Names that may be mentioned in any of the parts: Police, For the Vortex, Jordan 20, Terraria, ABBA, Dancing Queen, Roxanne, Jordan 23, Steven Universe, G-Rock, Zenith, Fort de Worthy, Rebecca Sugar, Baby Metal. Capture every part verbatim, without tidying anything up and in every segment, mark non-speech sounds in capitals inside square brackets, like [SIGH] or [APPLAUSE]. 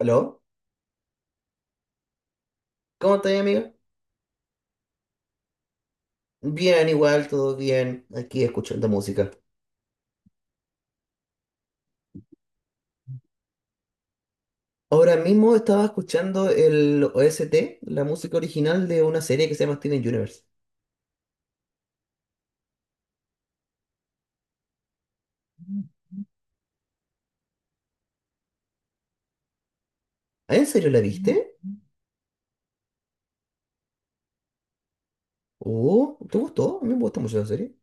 ¿Aló? ¿Cómo estás, amigo? Bien, igual, todo bien, aquí escuchando música. Ahora mismo estaba escuchando el O S T, la música original de una serie que se llama Steven Universe. ¿Ah, en serio la viste? Oh, ¿te gustó? A mí me gusta mucho la serie.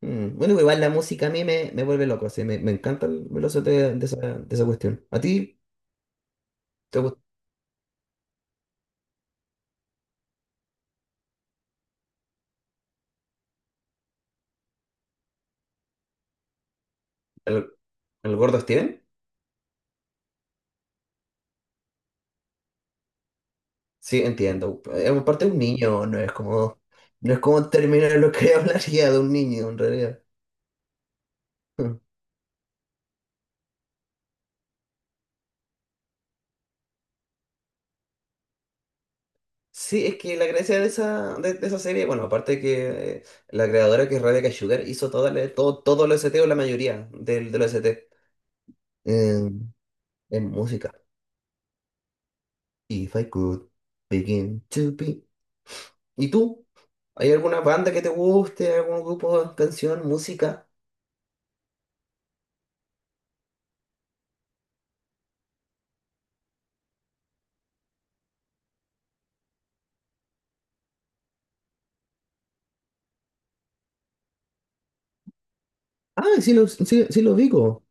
Mm. Bueno, igual la música a mí me, me vuelve loco, así, me, me encanta el, el O S T de esa, de esa cuestión. ¿A ti te gusta el, el gordo Steven? Sí, entiendo. Eh, Aparte es un niño, no es como, no es como terminar lo que [LAUGHS] hablaría de un niño en realidad. Sí, es que la gracia de esa, de, de esa serie, bueno, aparte de que eh, la creadora que es Rebecca Sugar hizo toda la- todo, todo el O S T o la mayoría del, del O S T en, en música. If I could begin to be. ¿Y tú? ¿Hay alguna banda que te guste? ¿Algún grupo, canción, música? Ah, sí lo, sí, sí lo ubico.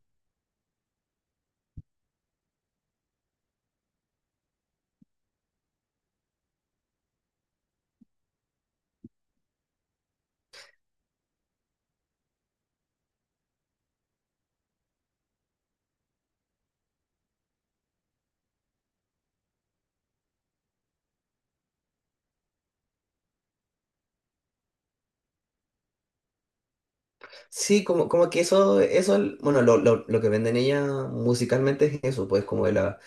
Sí, como, como que eso, eso, bueno, lo, lo, lo que venden ella musicalmente es eso, pues como de la,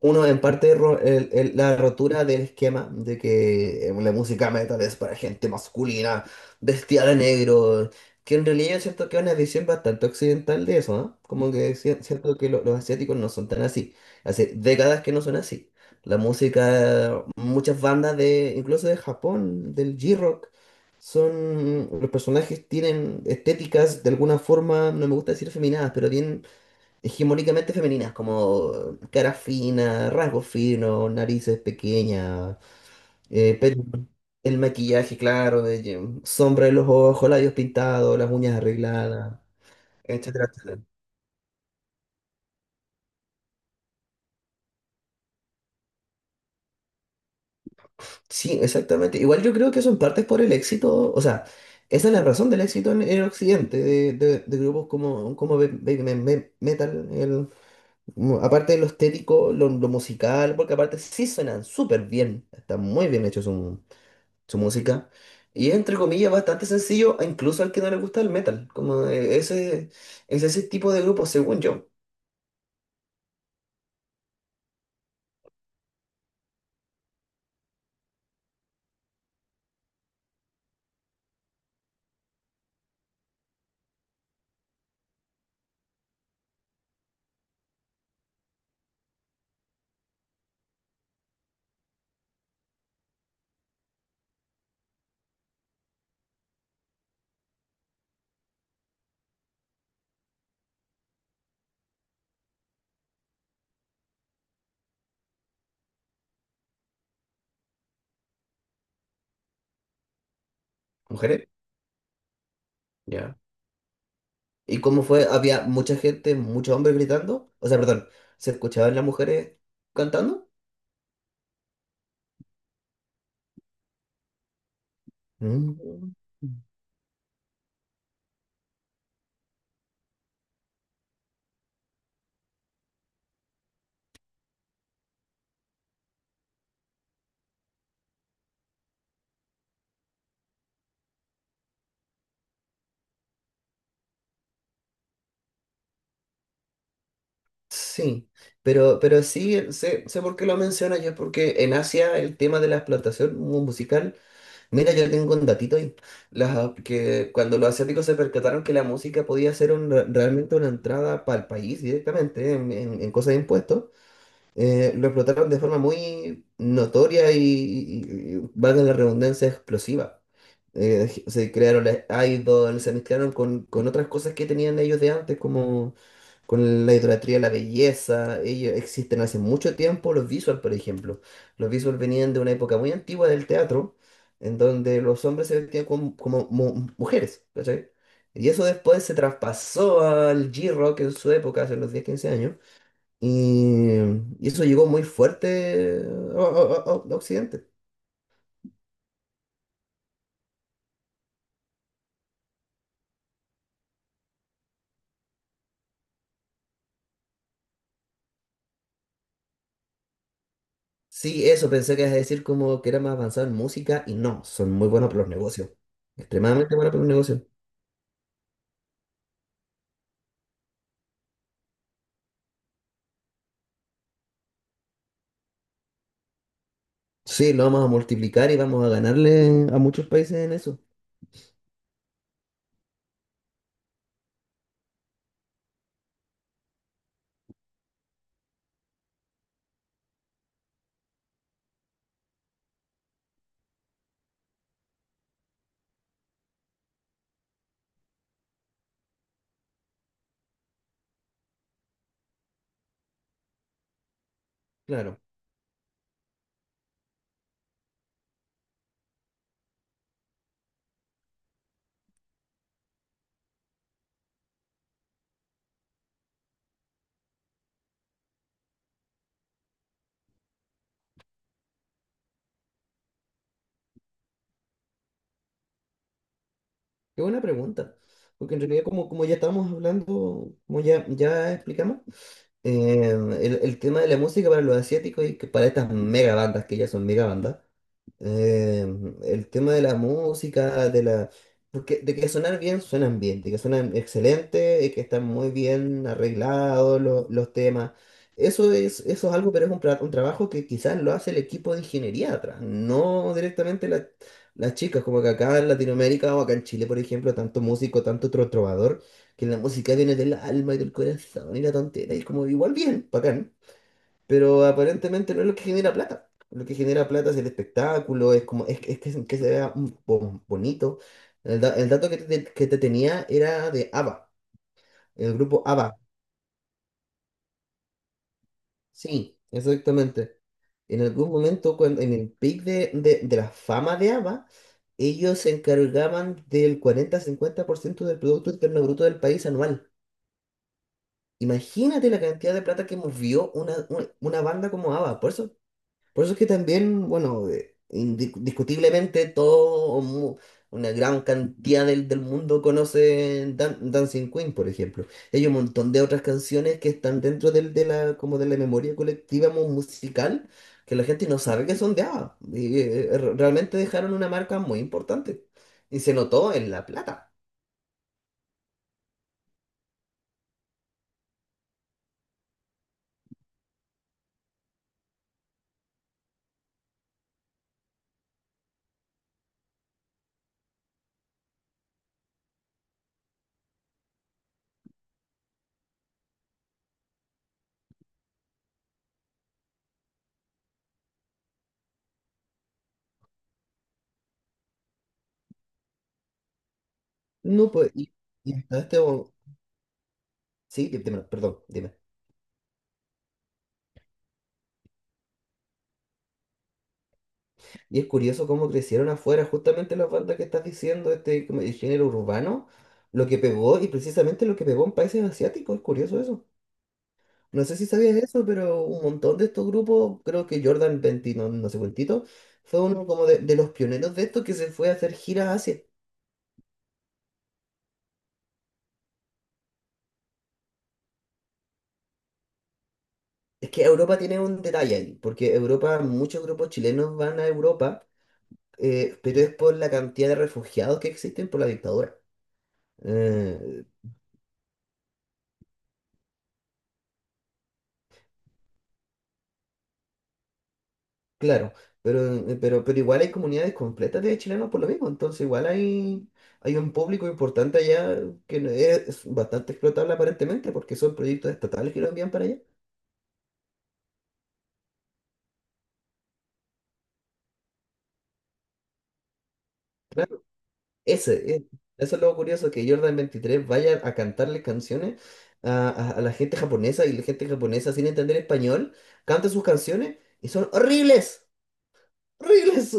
uno en parte ro- el- el- la rotura del esquema de que eh, la música metal es para gente masculina, vestida de negro, que en realidad yo siento que es una visión bastante occidental de eso, ¿no? Como que si- siento que lo- los asiáticos no son tan así, hace décadas que no son así. La música, muchas bandas de, incluso de Japón, del j rock son, los personajes tienen estéticas de alguna forma, no me gusta decir feminadas, pero tienen hegemónicamente femeninas, como cara fina, rasgos finos, narices pequeñas, eh, pelo- el maquillaje claro, de que- sombra en los ojos, labios pintados, las uñas arregladas, etcétera, etcétera. Sí, exactamente. Igual yo creo que eso en parte es por el éxito, o sea, esa es la razón del éxito en, en Occidente, de, de- de grupos como, como Baby Metal, mu- aparte de lo estético, lo, lo musical, porque aparte sí suenan súper bien, está muy bien hecho su, su música. Y es, entre comillas, bastante sencillo, incluso al que no le gusta el metal. Como eh, ese, es ese tipo de grupo, según yo. Mujeres. Ya. Y como fue, había mucha gente, muchos hombres gritando. O sea, perdón, se escuchaban las mujeres cantando. Mm. Sí, pero, pero sí, sé, sé por qué lo mencionas yo, porque en Asia el tema de la explotación mu- musical. Mira, yo tengo un datito ahí. Las- que cuando los asiáticos se percataron que la música podía ser un- realmente una entrada para el país directamente en, en, en cosas de impuestos, eh, lo explotaron de forma muy notoria y, y- y- valga la redundancia, explosiva. Eh, se crearon las idols, se mezclaron con, con otras cosas que tenían ellos de antes, como con la idolatría a la belleza. Ellos existen hace mucho tiempo, los visual, por ejemplo. Los visual venían de una época muy antigua del teatro, en donde los hombres se vestían como, como mu- mujeres, ¿cachai? Y eso después se traspasó al G-Rock en su época, hace unos diez quince años y, y eso llegó muy fuerte a, a- a- a Occidente. Sí, eso, pensé que ibas a decir como que era más avanzado en música y no, son muy buenos para los negocios. Extremadamente buenos para los negocios. Sí, lo vamos a multiplicar y vamos a ganarle a muchos países en eso. Claro, qué buena pregunta. Porque en realidad, como, como ya estábamos hablando, como ya, ya explicamos, eh, el, el tema de la música para los asiáticos y que para estas mega bandas, que ya son mega bandas, Eh, el tema de la música, de la... Porque de que sonar bien, suenan bien, de que suenan excelente, de que están muy bien arreglados lo- los temas. Eso es, eso es algo, pero es un, tra- un trabajo que quizás lo hace el equipo de ingeniería atrás, no directamente la- las chicas, como que acá en Latinoamérica o acá en Chile, por ejemplo, tanto músico, tanto tro- trovador, que la música viene del alma y del corazón y la tontera, y es como igual bien, bacán, pero aparentemente no es lo que genera plata. Lo que genera plata es el espectáculo, es como, es, es que, que se vea mm, bo- bonito. El, da- el dato que te, que te tenía era de ABBA, el grupo ABBA. Sí, exactamente. En algún momento, cuando, en el pic de, de, de la fama de ABBA, ellos se encargaban del cuarenta-cincuenta por ciento del Producto Interno Bruto del país anual. Imagínate la cantidad de plata que movió una, una, una banda como ABBA. Por eso Por eso es que también, bueno, eh, indiscutiblemente todo, o mu- una gran cantidad del, del mundo conoce Dan- Dancing Queen, por ejemplo. Y hay un montón de otras canciones que están dentro del, de la, como de la memoria colectiva mu- musical, que la gente no sabe que son de ABBA. Y, eh, eh, re- realmente dejaron una marca muy importante. Y se notó en La Plata. No, pues, y, y hasta este... mo- Sí, dime, perdón, dime. Y es curioso cómo crecieron afuera justamente las bandas que estás diciendo, este como el género urbano, lo que pegó y precisamente lo que pegó en países asiáticos, es curioso eso. No sé si sabías eso, pero un montón de estos grupos, creo que Jordan veinte, no, no sé cuántito, fue uno como de, de los pioneros de estos que se fue a hacer giras a Asia. Es que Europa tiene un detalle ahí, porque Europa, muchos grupos chilenos van a Europa, eh, pero es por la cantidad de refugiados que existen por la dictadura. Eh, Claro, pero, eh, pero, pero igual hay comunidades completas de chilenos por lo mismo, entonces igual hay, hay un público importante allá, que no- es es bastante explotable aparentemente porque son proyectos estatales que lo envían para allá. Claro, ese, es- eso es lo curioso, que Jordan veintitrés vaya a cantarle canciones a, a- a la gente japonesa, y la gente japonesa, sin entender español, canta sus canciones, y son horribles, horribles.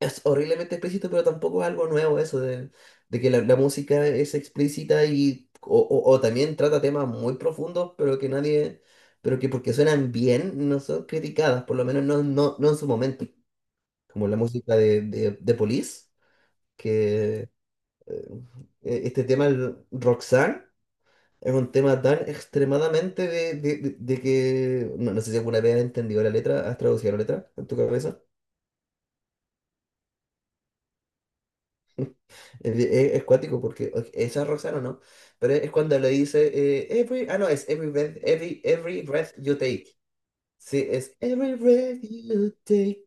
Es horriblemente explícito, pero tampoco es algo nuevo eso de, de que la, la música es explícita y o, o- o también trata temas muy profundos, pero que nadie, pero que porque suenan bien no son criticadas, por lo menos no, no, no en su momento, como la música de, de, de Police, que eh, e, este tema, el Roxanne, es un tema tan extremadamente de, de, de- de que no, no sé si alguna vez has entendido la letra, has traducido la letra en tu cabeza. Es, de- es- es cuático porque o- esa es Roxana, ¿no? Pero es cuando le dice eh, every, ah no, es every breath, every, every breath you take. Sí, es every breath you take.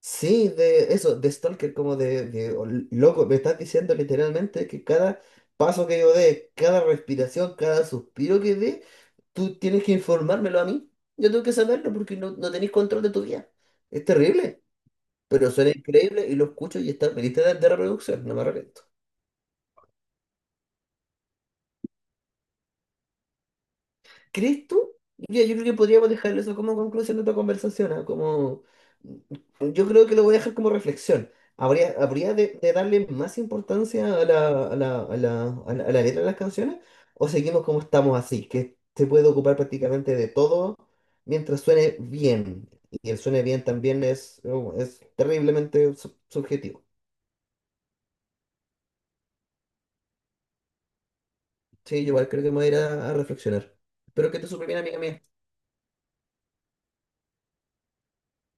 Sí, de eso, de Stalker, como de, de o- loco, me estás diciendo literalmente que cada paso que yo dé, cada respiración, cada suspiro que dé, tú tienes que informármelo a mí. Yo tengo que saberlo porque no, no tenés control de tu vida. Es terrible, pero suena increíble y lo escucho y está en mi lista de, de reproducción, no me arrepiento. ¿Crees tú? Ya, yo creo que podríamos dejar eso como conclusión de tu conversación. ah, Como, mm, yo creo que lo voy a dejar como reflexión. Habría, habría de, de darle más importancia a la, a la, a la, a la- a la letra de las canciones, o seguimos como estamos así, que se puede ocupar prácticamente de todo mientras suene bien. Y el suene bien también es, oh, es terriblemente sub- subjetivo. Sí, yo igual creo que me voy a ir a, a reflexionar. Espero que te súper bien, amiga mía.